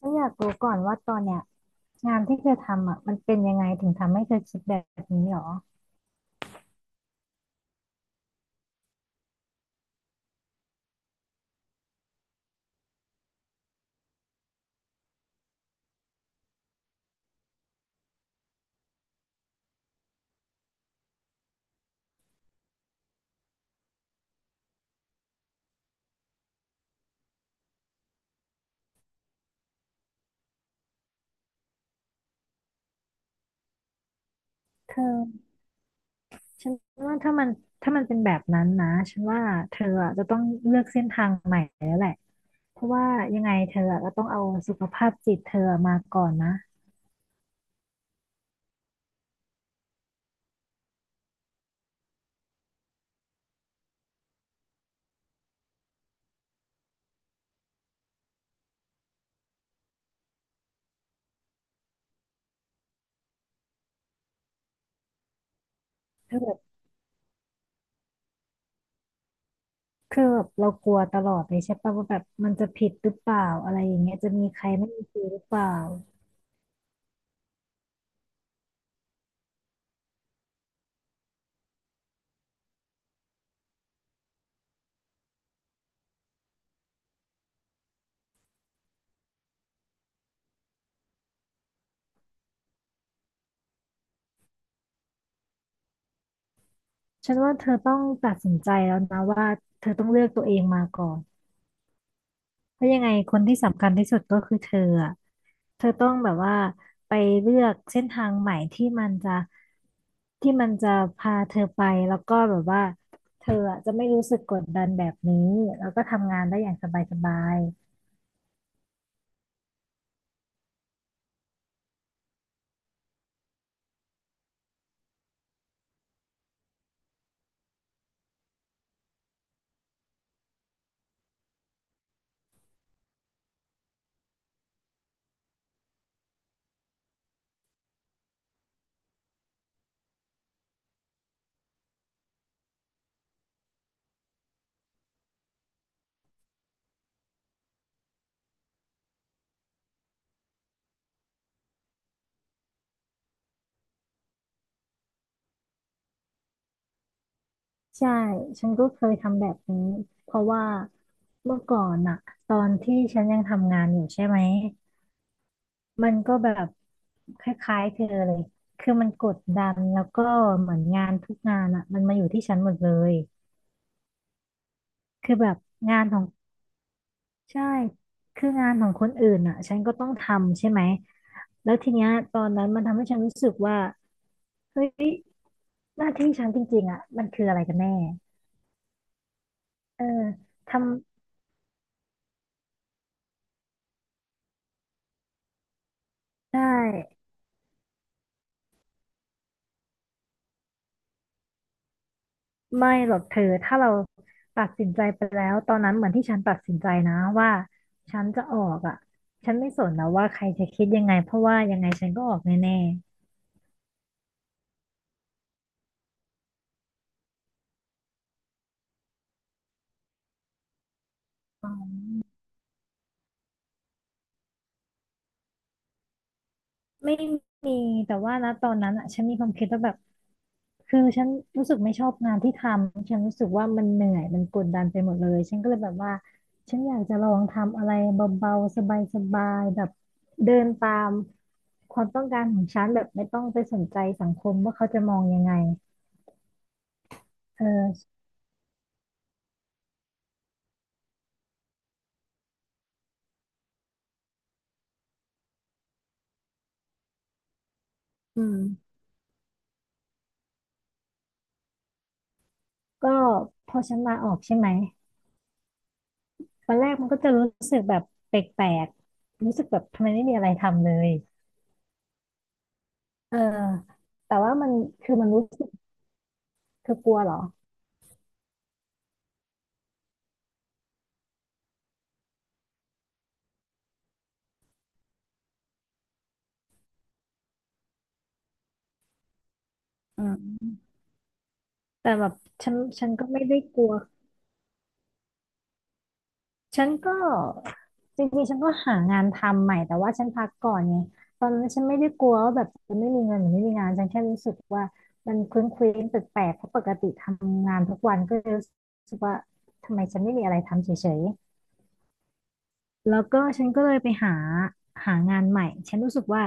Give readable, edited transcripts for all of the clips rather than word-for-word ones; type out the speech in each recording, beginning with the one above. ก็อยากรู้ก่อนว่าตอนเนี้ยงานที่เธอทำอ่ะมันเป็นยังไงถึงทำให้เธอคิดแบบนี้หรอเธอฉันว่าถ้ามันเป็นแบบนั้นนะฉันว่าเธออะจะต้องเลือกเส้นทางใหม่แล้วแหละเพราะว่ายังไงเธออะก็ต้องเอาสุขภาพจิตเธอมาก่อนนะคือแบบคือแบบเรากลัวตลอดเลยใช่ปะว่าแบบมันจะผิดหรือเปล่าอะไรอย่างเงี้ยจะมีใครไม่มีครูหรือเปล่าฉันว่าเธอต้องตัดสินใจแล้วนะว่าเธอต้องเลือกตัวเองมาก่อน เพราะยังไงคนที่สำคัญที่สุดก็คือเธออะเธอต้องแบบว่าไปเลือกเส้นทางใหม่ที่มันจะที่มันจะพาเธอไปแล้วก็แบบว่าเธออะจะไม่รู้สึกกดดันแบบนี้แล้วก็ทำงานได้อย่างสบายๆใช่ฉันก็เคยทำแบบนี้เพราะว่าเมื่อก่อนอะตอนที่ฉันยังทำงานอยู่ใช่ไหมมันก็แบบคล้ายๆเธอเลยคือมันกดดันแล้วก็เหมือนงานทุกงานอะมันมาอยู่ที่ฉันหมดเลย คือแบบงานของใช่คืองานของคนอื่นอ่ะฉันก็ต้องทำใช่ไหมแล้วทีเนี้ยตอนนั้นมันทำให้ฉันรู้สึกว่าเฮ้ยหน้าที่ฉันจริงๆอ่ะมันคืออะไรกันแน่เออทำได้ไม่หรอกเธอถ้าเราตัดสินใจไปแล้วตอนนั้นเหมือนที่ฉันตัดสินใจนะว่าฉันจะออกอ่ะฉันไม่สนแล้วว่าใครจะคิดยังไงเพราะว่ายังไงฉันก็ออกแน่ ไม่มีแต่ว่านะตอนนั้นอ่ะฉันมีความคิดว่าแบบคือฉันรู้สึกไม่ชอบงานที่ทำฉันรู้สึกว่ามันเหนื่อยมันกดดันไปหมดเลยฉันก็เลยแบบว่าฉันอยากจะลองทำอะไรเบาๆสบายๆแบบเดินตามความต้องการของฉันแบบไม่ต้องไปสนใจสังคมว่าเขาจะมองยังไงเอออืมก็พอฉันลาออกใช่ไหมวันแรกมันก็จะรู้สึกแบบแปลกๆรู้สึกแบบทำไมไม่มีอะไรทำเลยเออแต่ว่ามันคือมันรู้สึก เธอกลัวเหรออืมแต่แบบฉันก็ไม่ได้กลัวฉันก็จริงๆฉันก็หางานทำใหม่แต่ว่าฉันพักก่อนไงตอนนั้นฉันไม่ได้กลัวว่าแบบจะไม่มีเงินหรือไม่มีงานฉันแค่รู้สึกว่ามันเคว้งเคว้งแปลกๆเพราะปกติทำงานทุกวันก็เลยรู้สึกว่าทำไมฉันไม่มีอะไรทำเฉย แล้วก็ฉันก็เลยไปหาหางานใหม่ฉันรู้สึกว่า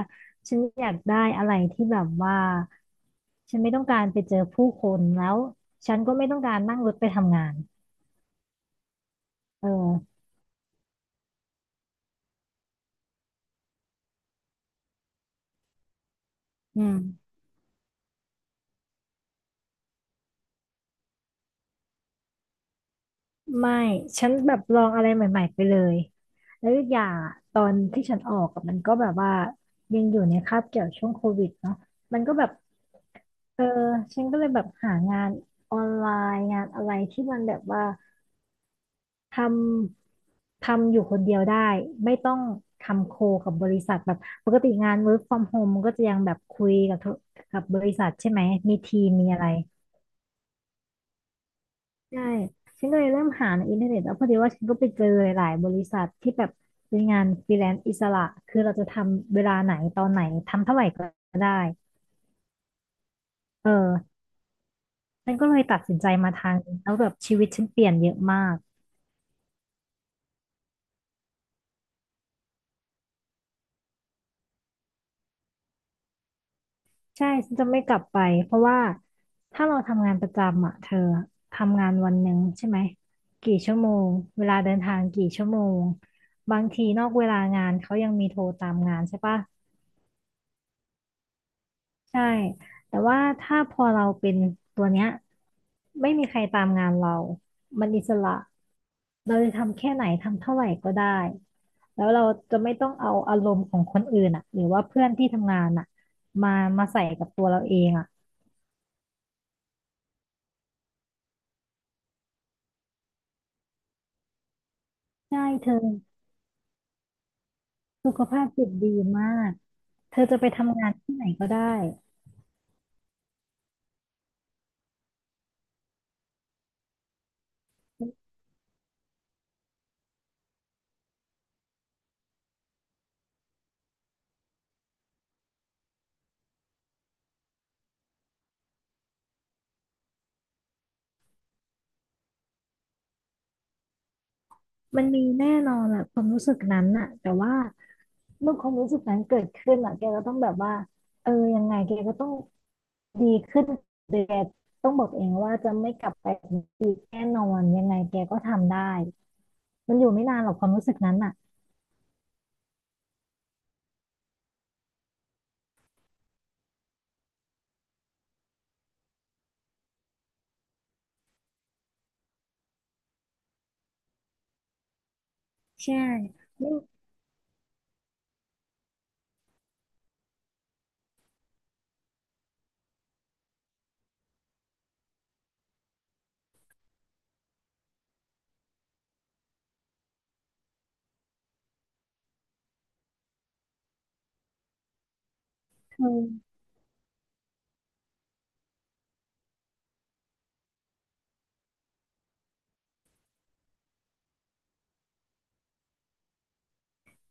ฉันอยากได้อะไรที่แบบว่าฉันไม่ต้องการไปเจอผู้คนแล้วฉันก็ไม่ต้องการนั่งรถไปทำงานเอออืมไม่ฉันแบบลองอะไรใหม่ๆไปเลยแล้วอีกอย่างอะตอนที่ฉันออกอะมันก็แบบว่ายังอยู่ในคาบเกี่ยวช่วงโควิดเนาะมันก็แบบเออฉันก็เลยแบบหางานออนไลน์งานอะไรที่มันแบบว่า ทำอยู่คนเดียวได้ไม่ต้องทำโคกับบริษัทแบบปกติงาน work from home มันก็จะยังแบบคุยกับธุกับบริษัทใช่ไหมมีทีมมีอะไรใช่ฉันก็เลยเริ่มหาในอินเทอร์เน็ตแล้วพอดีว่าฉันก็ไปเจอหลายๆบริษัทที่แบบเป็นงานฟรีแลนซ์อิสระคือเราจะทำเวลาไหนตอนไหนทำเท่าไหร่ก็ได้เออฉันก็เลยตัดสินใจมาทางนี้แล้วแบบชีวิตฉันเปลี่ยนเยอะมาก ใช่ฉันจะไม่กลับไปเพราะว่าถ้าเราทำงานประจำอ่ะเธอทำงานวันหนึ่งใช่ไหมกี่ชั่วโมงเวลาเดินทางกี่ชั่วโมงบางทีนอกเวลางานเขายังมีโทรตามงานใช่ปะใช่แต่ว่าถ้าพอเราเป็นตัวเนี้ยไม่มีใครตามงานเรามันอิสระเราจะทำแค่ไหนทำเท่าไหร่ก็ได้แล้วเราจะไม่ต้องเอาอารมณ์ของคนอื่นอ่ะหรือว่าเพื่อนที่ทำงานอ่ะมามาใส่กับตัวเราเองอ่ะใช่เธอ สุขภาพจิตดีมากเธอจะไปทำงานที่ไหนก็ได้มันมีแน่นอนแหละความรู้สึกนั้นน่ะแต่ว่าเมื่อความรู้สึกนั้นเกิดขึ้นอ่ะแกก็ต้องแบบว่าเออยังไงแกก็ต้องดีขึ้นแกต้องบอกเองว่าจะไม่กลับไปเหมือนอีกแน่นอนยังไงแกก็ทำได้มันอยู่ไม่นานหรอกความรู้สึกนั้นน่ะใช่ไม่เธอ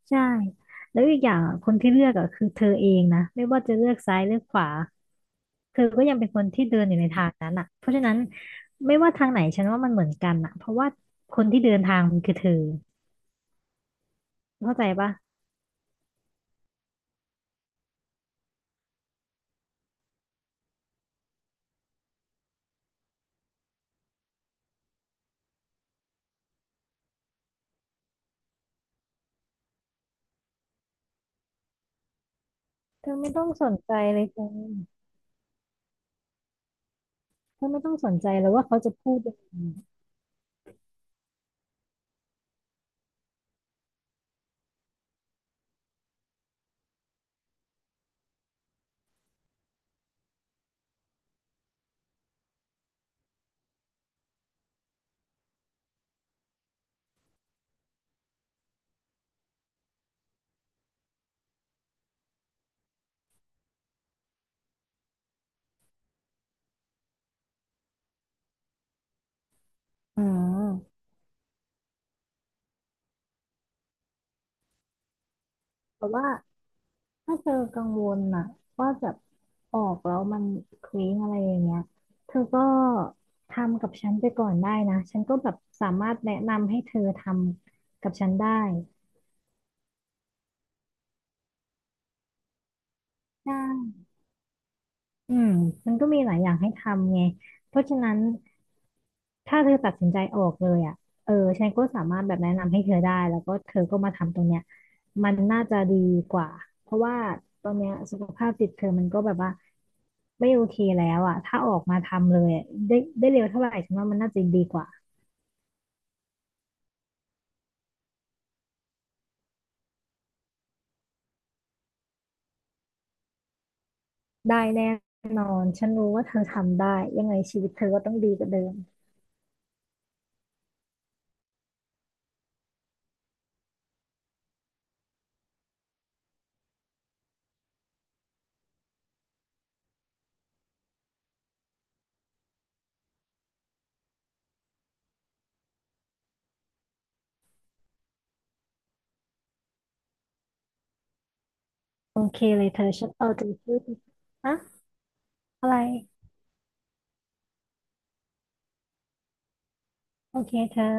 ใช่แล้วอีกอย่างอะคนที่เลือกอ่ะคือเธอเองนะไม่ว่าจะเลือกซ้ายเลือกขวาเธอก็ยังเป็นคนที่เดินอยู่ในทางนั้นอ่ะเพราะฉะนั้นไม่ว่าทางไหนฉันว่ามันเหมือนกันอ่ะเพราะว่าคนที่เดินทางมันคือเธอเข้าใจปะเธอไม่ต้องสนใจเลยเธอเธอไม่ต้องสนใจเลยว่าเขาจะพูดยังไงอืมแต่ว่า ถ้าเธอกังวลน่ะว่าแบบออกแล้วมันเคว้งอะไรอย่างเงี้ย เธอก็ทำกับฉันไปก่อนได้นะ ฉันก็แบบสามารถแนะนำให้เธอทำกับฉันได้ได้อืมมันก็มีหลายอย่างให้ทำไง เพราะฉะนั้น ถ้าเธอตัดสินใจออกเลยอ่ะเออฉันก็สามารถแบบแนะนำให้เธอได้แล้วก็เธอก็มาทำตรงเนี้ยมันน่าจะดีกว่าเพราะว่าตอนเนี้ยสุขภาพจิตเธอมันก็แบบว่าไม่โอเคแล้วอ่ะถ้าออกมาทำเลยอะได้ได้เร็วเท่าไหร่ฉันว่ามันน่าจะดีกว่าได้แน่นอนฉันรู้ว่าเธอทำได้ยังไงชีวิตเธอก็ต้องดีกว่าเดิมโอเคเลยเธอฉันเอาใจช่วยเธออะอะไรโอเคเธอ